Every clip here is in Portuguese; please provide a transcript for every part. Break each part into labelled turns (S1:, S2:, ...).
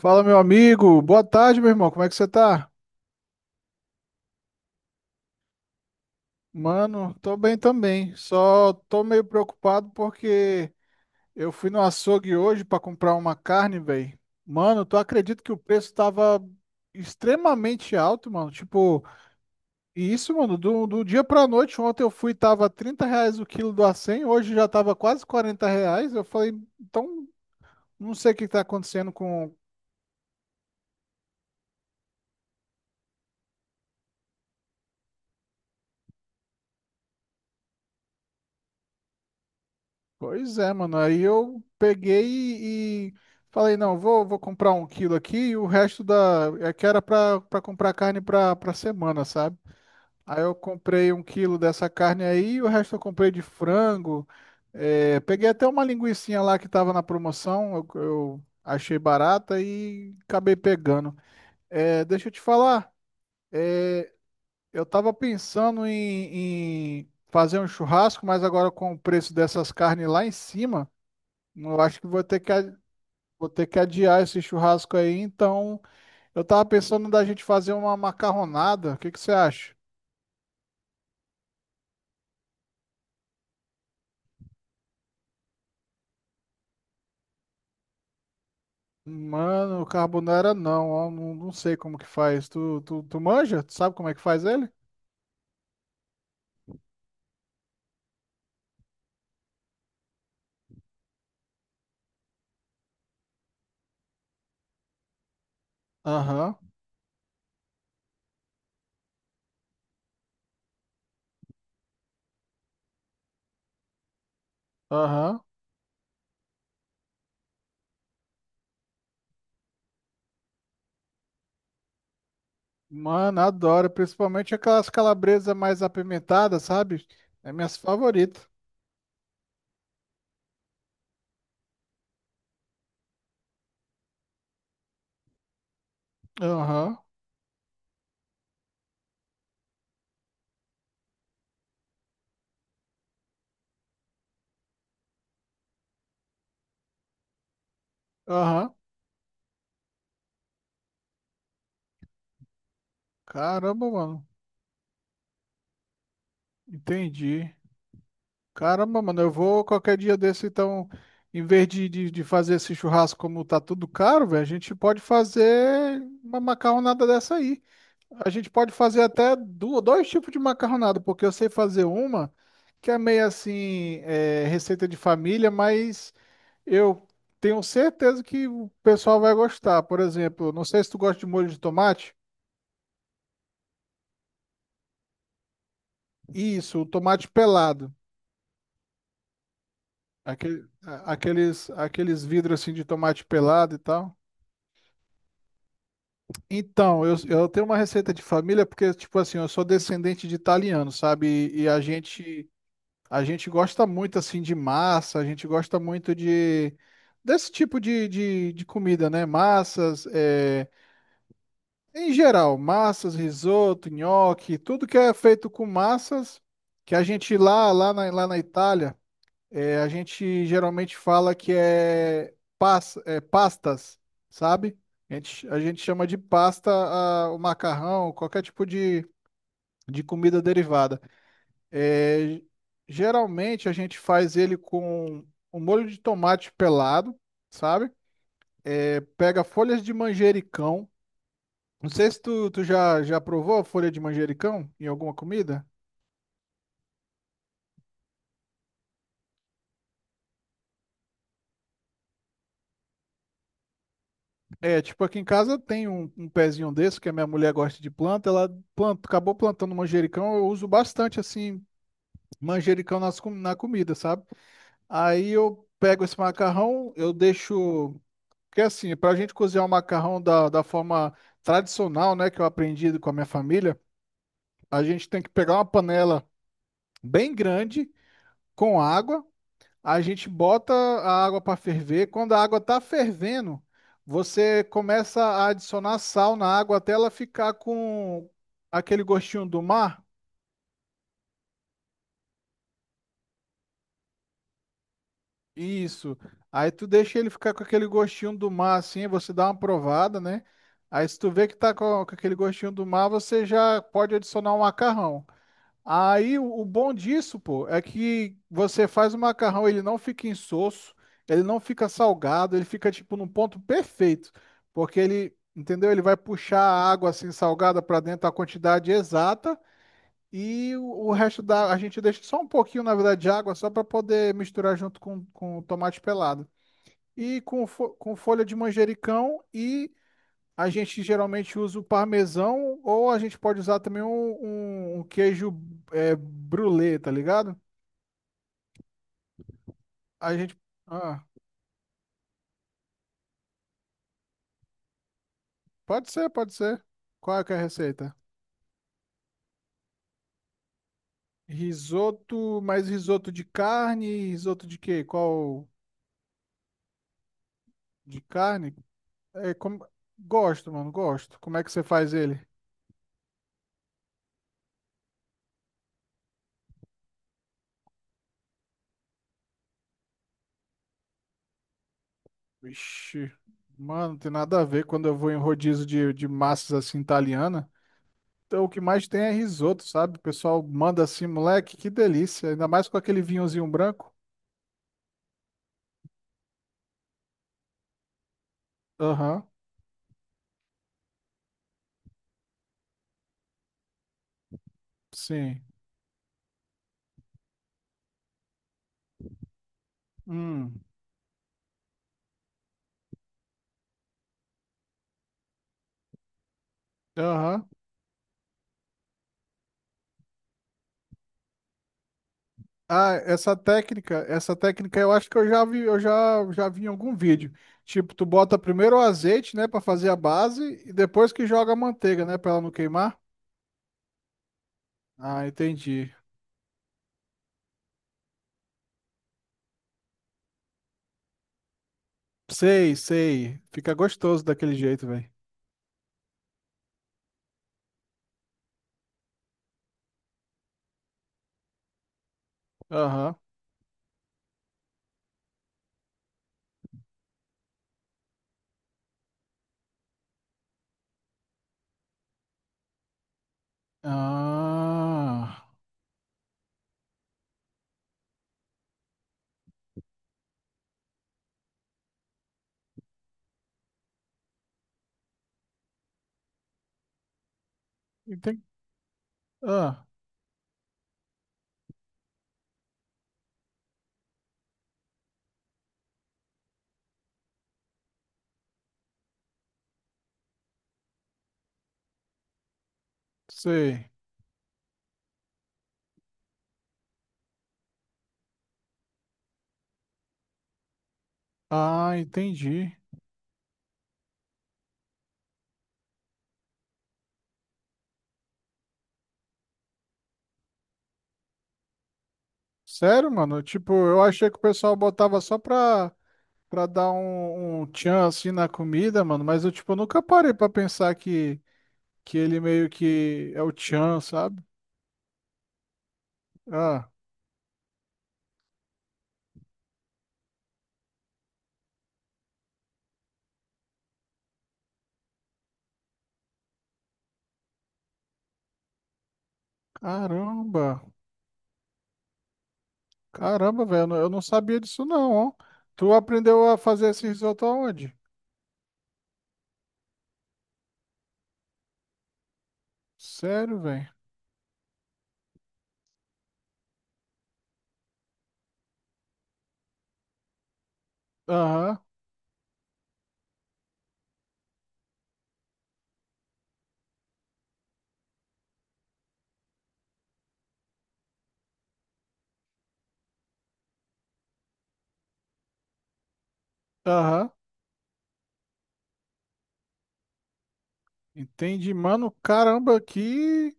S1: Fala, meu amigo. Boa tarde, meu irmão. Como é que você tá? Mano, tô bem também. Só tô meio preocupado porque eu fui no açougue hoje pra comprar uma carne, velho. Mano, tu acredita que o preço tava extremamente alto, mano? Tipo, e isso, mano, do dia pra noite. Ontem eu fui, tava 30 reais o quilo do acém, hoje já tava quase 40 reais. Eu falei, então, não sei o que tá acontecendo. Pois é, mano. Aí eu peguei e falei, não, vou comprar 1 quilo aqui e o resto da. É que era pra comprar carne pra semana, sabe? Aí eu comprei 1 quilo dessa carne aí e o resto eu comprei de frango. É, peguei até uma linguicinha lá que tava na promoção, eu achei barata e acabei pegando. É, deixa eu te falar, eu tava pensando em fazer um churrasco, mas agora com o preço dessas carnes lá em cima. Eu acho que vou ter que. Vou ter que adiar esse churrasco aí, então eu tava pensando da gente fazer uma macarronada. O que que você acha? Mano, carbonara não, ó, não sei como que faz. Tu manja? Tu sabe como é que faz ele? Aham, aham. Mano, adoro, principalmente aquelas calabresas mais apimentadas, sabe? É minhas favoritas. Aham, aham. Caramba, mano. Entendi. Caramba, mano, eu vou qualquer dia desse, então, em vez de fazer esse churrasco como tá tudo caro, velho, a gente pode fazer uma macarronada dessa aí. A gente pode fazer até dois tipos de macarronada, porque eu sei fazer uma que é meio assim, é, receita de família, mas eu tenho certeza que o pessoal vai gostar. Por exemplo, não sei se tu gosta de molho de tomate. Isso, o tomate pelado. Aquele, aqueles vidros assim de tomate pelado e tal. Então, eu tenho uma receita de família porque, tipo assim, eu sou descendente de italiano, sabe? E a gente gosta muito, assim, de massa, a gente gosta muito de, desse tipo de comida, né? Massas, é, em geral, massas, risoto, nhoque, tudo que é feito com massas, que a gente lá, lá na Itália. É, a gente geralmente fala que é, é pastas, sabe? A gente chama de pasta o macarrão, qualquer tipo de comida derivada. É, geralmente a gente faz ele com um molho de tomate pelado, sabe? É, pega folhas de manjericão. Não sei se tu já provou a folha de manjericão em alguma comida? É, tipo, aqui em casa tem um pezinho desse, que a minha mulher gosta de planta, ela planta, acabou plantando manjericão, eu uso bastante, assim, manjericão nas, na comida, sabe? Aí eu pego esse macarrão, eu deixo. Porque assim, pra gente cozinhar o macarrão da forma tradicional, né, que eu aprendi com a minha família, a gente tem que pegar uma panela bem grande, com água. A gente bota a água para ferver. Quando a água está fervendo, você começa a adicionar sal na água até ela ficar com aquele gostinho do mar. Isso. Aí tu deixa ele ficar com aquele gostinho do mar assim, você dá uma provada, né? Aí se tu vê que tá com aquele gostinho do mar, você já pode adicionar o macarrão. Aí o bom disso, pô, é que você faz o macarrão, ele não fica insosso, ele não fica salgado, ele fica tipo num ponto perfeito, porque ele, entendeu? Ele vai puxar a água assim salgada para dentro a quantidade exata e o resto da a gente deixa só um pouquinho, na verdade, de água só para poder misturar junto com o tomate pelado. E com, com folha de manjericão e a gente geralmente usa o parmesão ou a gente pode usar também um queijo é, brulê, tá ligado? A gente. Ah, pode ser, pode ser. Qual é que é a receita? Risoto, mais risoto de carne, risoto de quê? Qual de carne? É, como. Gosto, mano, gosto. Como é que você faz ele? Vixe, mano, não tem nada a ver quando eu vou em rodízio de massas assim italiana. Então, o que mais tem é risoto, sabe? O pessoal manda assim, moleque, que delícia. Ainda mais com aquele vinhozinho branco. Aham, sim. Hum, aham. Ah, essa técnica eu acho que eu já vi, eu já vi em algum vídeo. Tipo, tu bota primeiro o azeite, né, pra fazer a base e depois que joga a manteiga, né, pra ela não queimar. Ah, entendi. Sei, sei. Fica gostoso daquele jeito, velho. Aham. Ah, entendi. Ah, sei. Ah, entendi. Sério, mano? Tipo, eu achei que o pessoal botava só pra dar um tchan assim na comida, mano. Mas eu, tipo, nunca parei pra pensar que ele meio que é o tchan, sabe? Ah, caramba. Caramba, velho. Eu não sabia disso, não, ó. Tu aprendeu a fazer esse risoto aonde? Sério, velho. Aham, aham. Entendi, mano. Caramba, que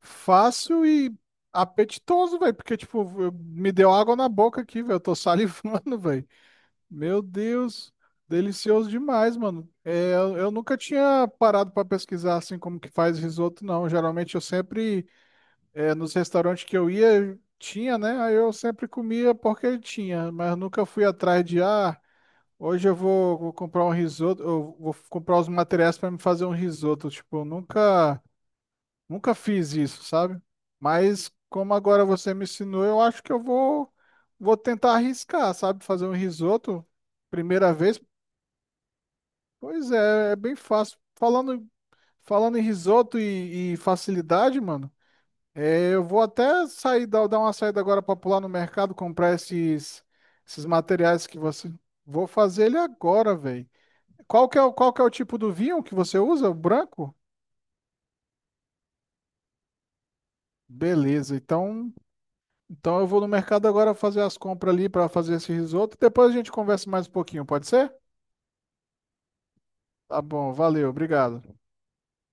S1: fácil e apetitoso, velho. Porque, tipo, me deu água na boca aqui, velho. Eu tô salivando, velho. Meu Deus, delicioso demais, mano. É, eu nunca tinha parado para pesquisar assim como que faz risoto, não. Geralmente eu sempre, é, nos restaurantes que eu ia, tinha, né? Aí eu sempre comia porque tinha, mas nunca fui atrás de, ah, hoje eu vou, comprar um risoto, eu vou comprar os materiais para me fazer um risoto. Tipo, eu nunca fiz isso, sabe? Mas como agora você me ensinou, eu acho que eu vou tentar arriscar, sabe? Fazer um risoto primeira vez. Pois é, é bem fácil. Falando em risoto e facilidade, mano, é, eu vou até sair, dar uma saída agora pra pular no mercado, comprar esses materiais que você. Vou fazer ele agora, velho. Qual que é, qual que é o tipo do vinho que você usa? O branco? Beleza, então, eu vou no mercado agora fazer as compras ali pra fazer esse risoto. Depois a gente conversa mais um pouquinho, pode ser? Tá bom, valeu, obrigado.